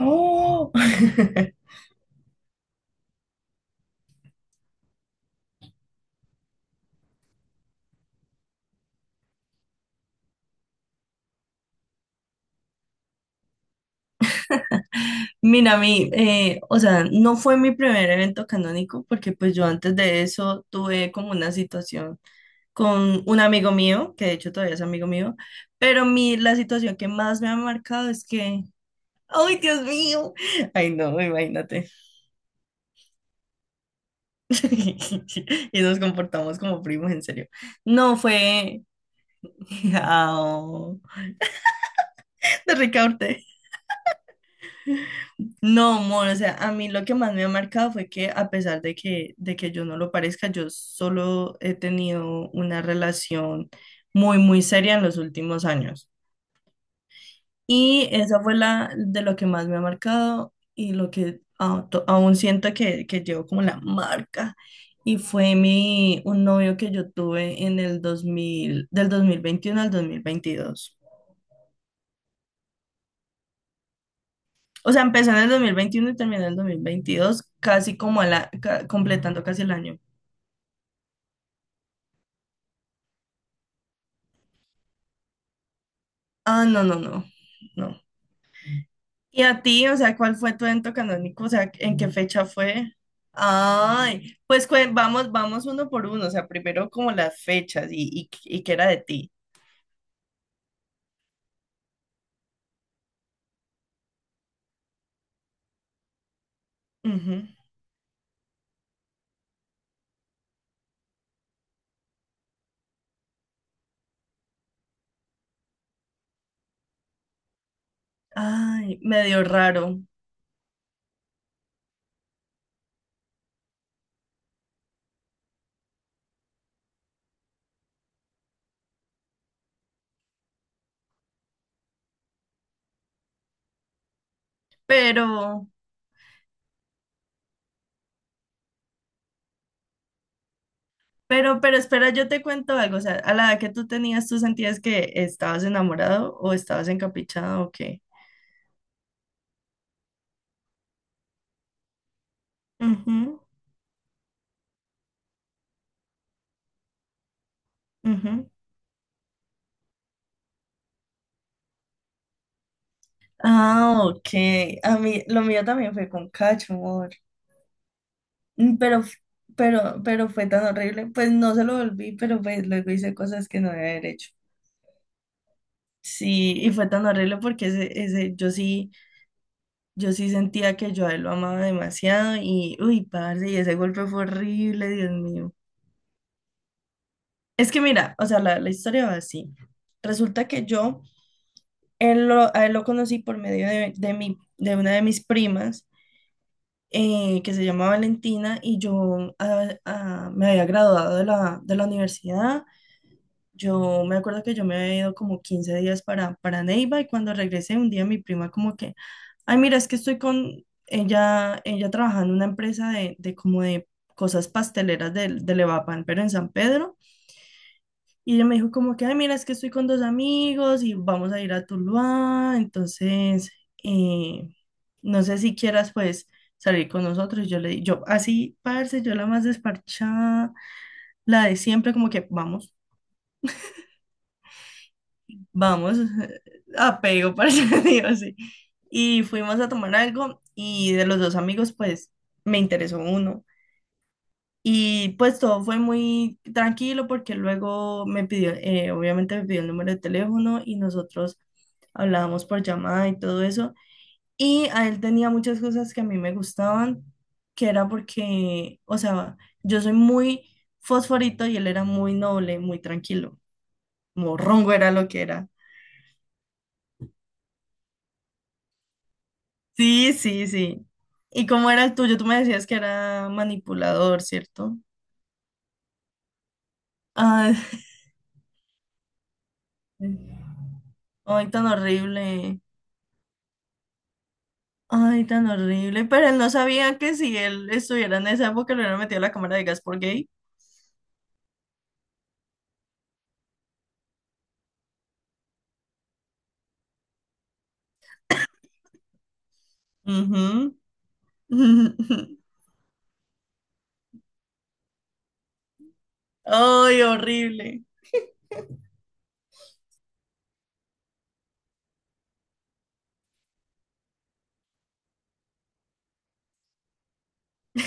Oh, mira, a mí, o sea, no fue mi primer evento canónico porque pues yo antes de eso tuve como una situación con un amigo mío, que de hecho todavía es amigo mío, pero la situación que más me ha marcado es que, ¡ay, Dios mío! Ay, no, imagínate. Y nos comportamos como primos, en serio. No fue... Au, de Ricaurte. No, amor, o sea, a mí lo que más me ha marcado fue que a pesar de que, yo no lo parezca, yo solo he tenido una relación muy, muy seria en los últimos años. Y esa fue la de lo que más me ha marcado y lo que aún siento que llevo como la marca. Y fue un novio que yo tuve en el 2021 al 2022. O sea, empecé en el 2021 y terminé en el 2022 casi como completando casi el año. Ah, no, no, no, no. ¿Y a ti? O sea, ¿cuál fue tu evento canónico? O sea, ¿en qué fecha fue? Ay, pues vamos, vamos uno por uno. O sea, primero como las fechas y qué era de ti. Ujú. Ay, medio raro. Pero, pero espera, yo te cuento algo. O sea, a la edad que tú tenías, ¿tú sentías que estabas enamorado o estabas encaprichado o qué? Ujú, ujú. Ah, ok. A mí, lo mío también fue con Cacho. Mm, Pero, f- pero fue tan horrible. Pues no se lo volví, pero pues luego hice cosas que no debía haber hecho. Sí, y fue tan horrible porque yo sí sentía que yo a él lo amaba demasiado y, uy, parce, y ese golpe fue horrible, Dios mío. Es que mira, o sea, la historia va así. Resulta que a él lo conocí por medio de de una de mis primas, que se llama Valentina, y yo me había graduado de la universidad. Yo me acuerdo que yo me había ido como 15 días para Neiva y cuando regresé un día mi prima como que, ay, mira, es que estoy con ella trabajando en una empresa de cosas pasteleras del de Levapan, pero en San Pedro. Y ella me dijo como que, ay, mira, es que estoy con dos amigos y vamos a ir a Tuluá, entonces, eh, no sé si quieras pues salir con nosotros. Yo así, parce, yo la más desparchada, la de siempre, como que vamos. Vamos, apego, para digo así. Y fuimos a tomar algo y de los dos amigos, pues me interesó uno. Y pues todo fue muy tranquilo porque luego obviamente me pidió el número de teléfono y nosotros hablábamos por llamada y todo eso. Y a él tenía muchas cosas que a mí me gustaban, que era porque, o sea, yo soy muy fosforito y él era muy noble, muy tranquilo. Morrongo era lo que era. Sí, sí, sí. ¿Y cómo era el tuyo? Tú me decías que era manipulador, ¿cierto? Ay, ay, tan horrible. Ay, tan horrible. Pero él no sabía que si él estuviera en esa época lo hubieran metido a la cámara de gas por gay. Ujú. Ay, horrible.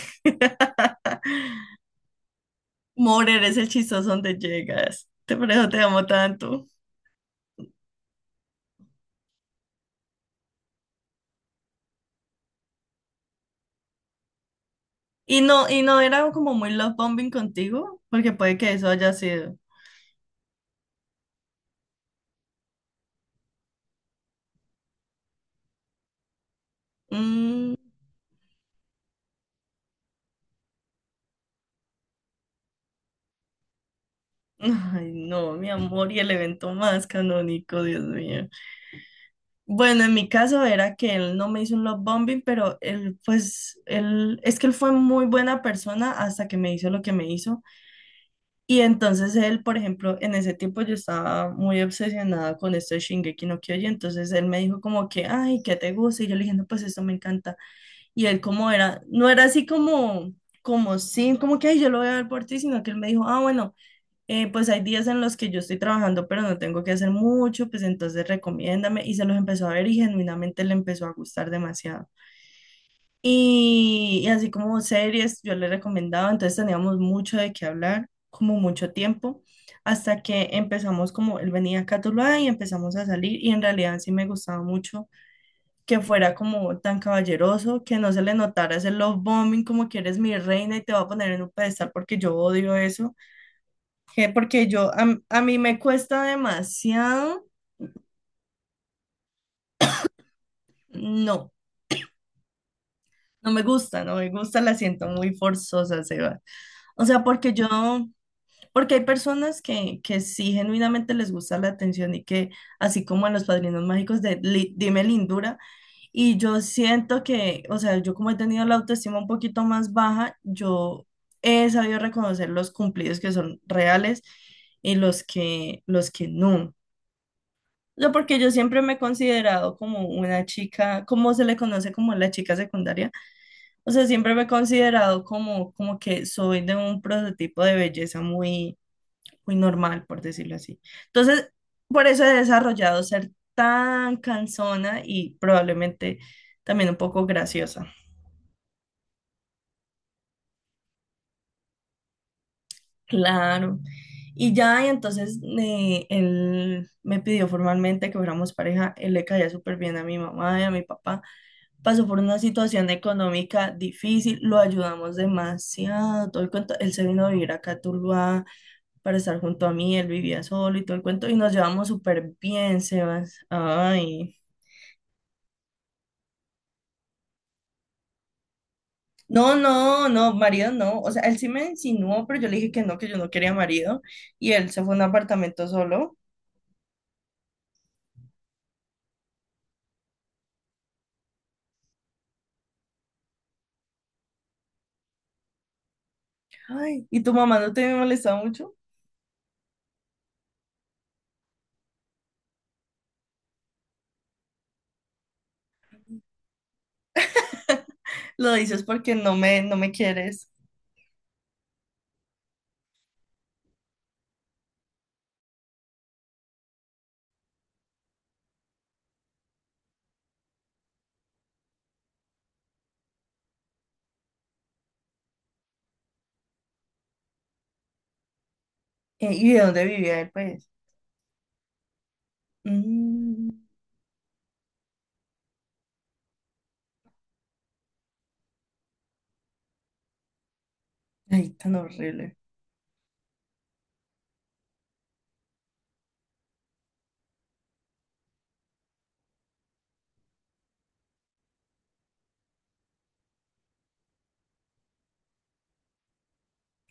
Morer es el chistoso donde llegas. Te por eso te amo tanto. Y no era como muy love bombing contigo, porque puede que eso haya sido. Mm. Ay, no, mi amor, y el evento más canónico, Dios mío. Bueno, en mi caso era que él no me hizo un love bombing, pero él, pues, él, es que él fue muy buena persona hasta que me hizo lo que me hizo. Y entonces él, por ejemplo, en ese tiempo yo estaba muy obsesionada con esto de Shingeki no Kyojin, entonces él me dijo como que, ay, ¿qué te gusta? Y yo le dije, no, pues esto me encanta. Y él como era, no era así como, como sí, como que, ay, yo lo voy a ver por ti, sino que él me dijo, ah, bueno pues hay días en los que yo estoy trabajando, pero no tengo que hacer mucho, pues entonces recomiéndame. Y se los empezó a ver y genuinamente le empezó a gustar demasiado. Y así como series, yo le recomendaba, entonces teníamos mucho de qué hablar, como mucho tiempo, hasta que empezamos como, él venía a Catulá y empezamos a salir y en realidad sí me gustaba mucho que fuera como tan caballeroso, que no se le notara ese love bombing, como que eres mi reina y te voy a poner en un pedestal porque yo odio eso que porque yo, a mí me cuesta demasiado, no, no me gusta, no me gusta, la siento muy forzosa, Seba. O sea, porque yo, porque hay personas que sí genuinamente les gusta la atención y que, así como a los padrinos mágicos de Dime Lindura, y yo siento que, o sea, yo como he tenido la autoestima un poquito más baja, yo he sabido reconocer los cumplidos que son reales y los que no. Yo porque yo siempre me he considerado como una chica, como se le conoce como la chica secundaria, o sea, siempre me he considerado como que soy de un prototipo de belleza muy, muy normal, por decirlo así. Entonces, por eso he desarrollado ser tan cansona y probablemente también un poco graciosa. Claro. Y ya, y entonces él me pidió formalmente que fuéramos pareja. Él le caía súper bien a mi mamá y a mi papá. Pasó por una situación económica difícil, lo ayudamos demasiado, todo el cuento. Él se vino a vivir acá a Tuluá para estar junto a mí, él vivía solo y todo el cuento, y nos llevamos súper bien, Sebas. Ay. No, no, no, marido no. O sea, él sí me insinuó, pero yo le dije que no, que yo no quería marido. Y él se fue a un apartamento solo. Ay, ¿y tu mamá no te molesta mucho? Lo dices porque no me quieres. ¿Y de dónde vivía él, pues? Mm, ay, tan horrible.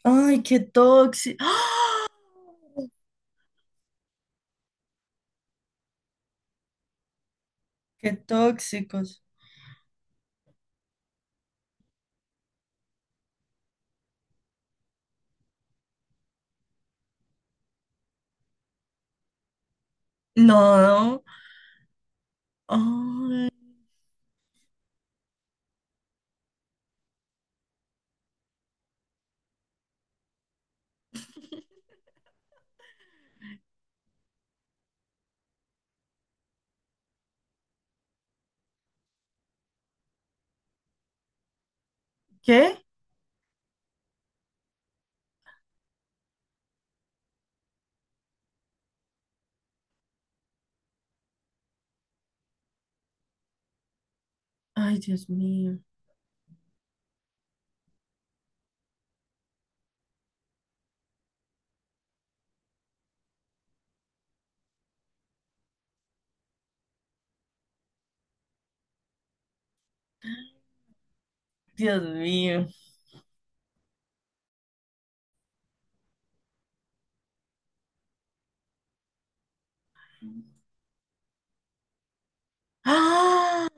Ay, qué tóxico. Qué tóxicos. No, ay, ¿qué? Ay, Dios mío. Dios mío. ¡Ah!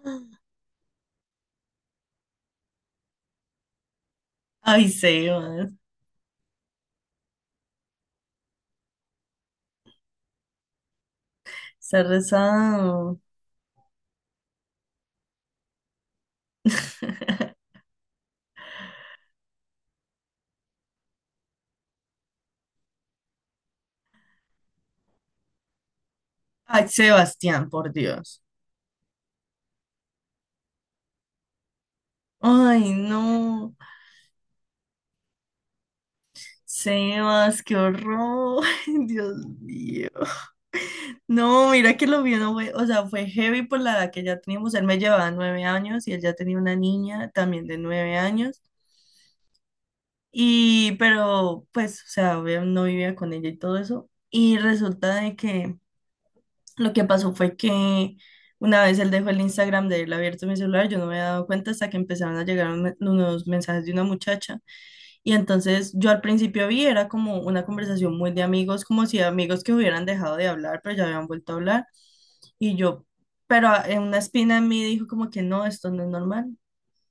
Ay, Sebas. Se ha rezado. Ay, Sebastián, por Dios. Ay, no. Sebas, qué horror. Dios mío. No, mira que lo vio, no fue- o sea, fue heavy por la edad que ya teníamos. Él me llevaba 9 años y él ya tenía una niña también de 9 años. Y, pero, pues, o sea, obvio, no vivía con ella y todo eso. Y resulta de que lo que pasó fue que una vez él dejó el Instagram de él abierto en mi celular, yo no me había dado cuenta hasta que empezaron a llegar unos mensajes de una muchacha. Y entonces yo al principio vi, era como una conversación muy de amigos, como si amigos que hubieran dejado de hablar, pero ya habían vuelto a hablar. Y yo, pero en una espina en mí dijo como que no, esto no es normal.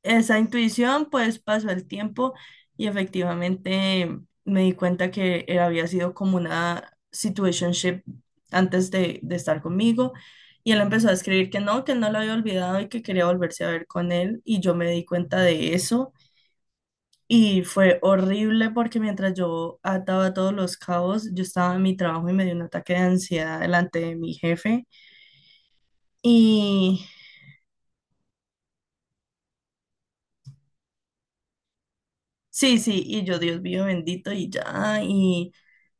Esa intuición, pues pasó el tiempo y efectivamente me di cuenta que él había sido como una situationship antes de estar conmigo. Y él empezó a escribir que no, que él no lo había olvidado y que quería volverse a ver con él. Y yo me di cuenta de eso. Y fue horrible porque mientras yo ataba todos los cabos, yo estaba en mi trabajo y me dio un ataque de ansiedad delante de mi jefe. Y sí, sí, y yo, Dios mío bendito, y ya, y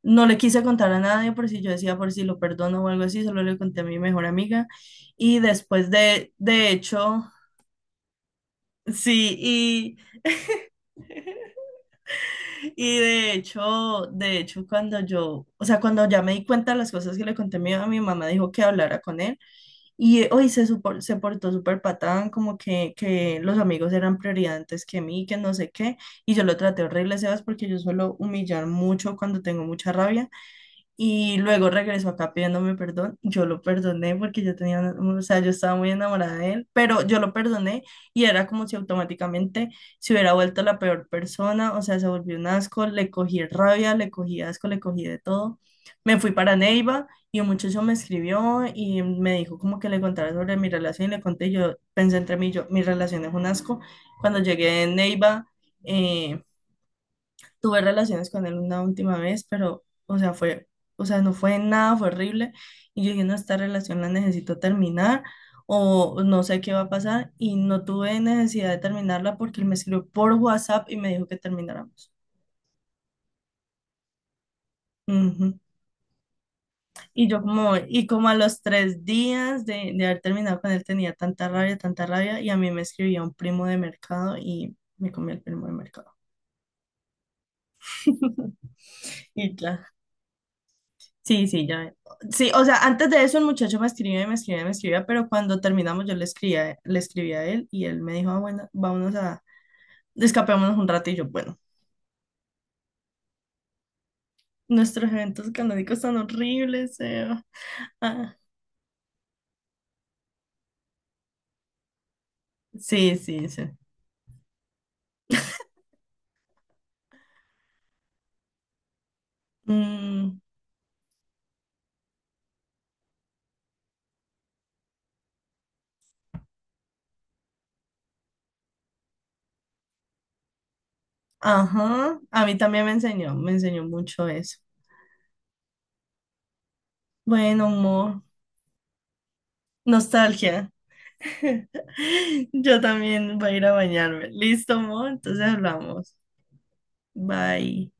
no le quise contar a nadie por si yo decía por si lo perdono o algo así, solo le conté a mi mejor amiga. Y después de hecho, sí, y de hecho, cuando yo, o sea, cuando ya me di cuenta de las cosas que le conté a a mi mamá, dijo que hablara con él. Y se portó súper patán, como que los amigos eran prioridad antes que mí, que no sé qué. Y yo lo traté horrible, Sebas, porque yo suelo humillar mucho cuando tengo mucha rabia. Y luego regresó acá pidiéndome perdón. Yo lo perdoné porque yo tenía, o sea, yo estaba muy enamorada de él, pero yo lo perdoné y era como si automáticamente se hubiera vuelto la peor persona, o sea, se volvió un asco, le cogí rabia, le cogí asco, le cogí de todo. Me fui para Neiva y un muchacho me escribió y me dijo como que le contara sobre mi relación y le conté, yo pensé entre mí, yo, mi relación es un asco. Cuando llegué en Neiva, eh, tuve relaciones con él una última vez, pero, o sea, fue, o sea, no fue nada, fue horrible. Y yo dije, no, esta relación la necesito terminar o no sé qué va a pasar. Y no tuve necesidad de terminarla porque él me escribió por WhatsApp y me dijo que termináramos. Ujú. Y yo como, y como a los 3 días de haber terminado con él tenía tanta rabia, y a mí me escribía un primo de mercado y me comí el primo de mercado. Y ya. Sí, sí, ya. Sí, o sea, antes de eso el muchacho me escribía y me escribía y me escribía, pero cuando terminamos yo le escribía, le escribí a él y él me dijo, ah, bueno, vámonos a, escapémonos un rato y yo, bueno, nuestros eventos canónicos son horribles, Seba. Ah, sí, sí, sí. Mm, ajá, a mí también me enseñó mucho eso. Bueno, amor, nostalgia. Yo también voy a ir a bañarme. Listo, amor, entonces hablamos. Bye.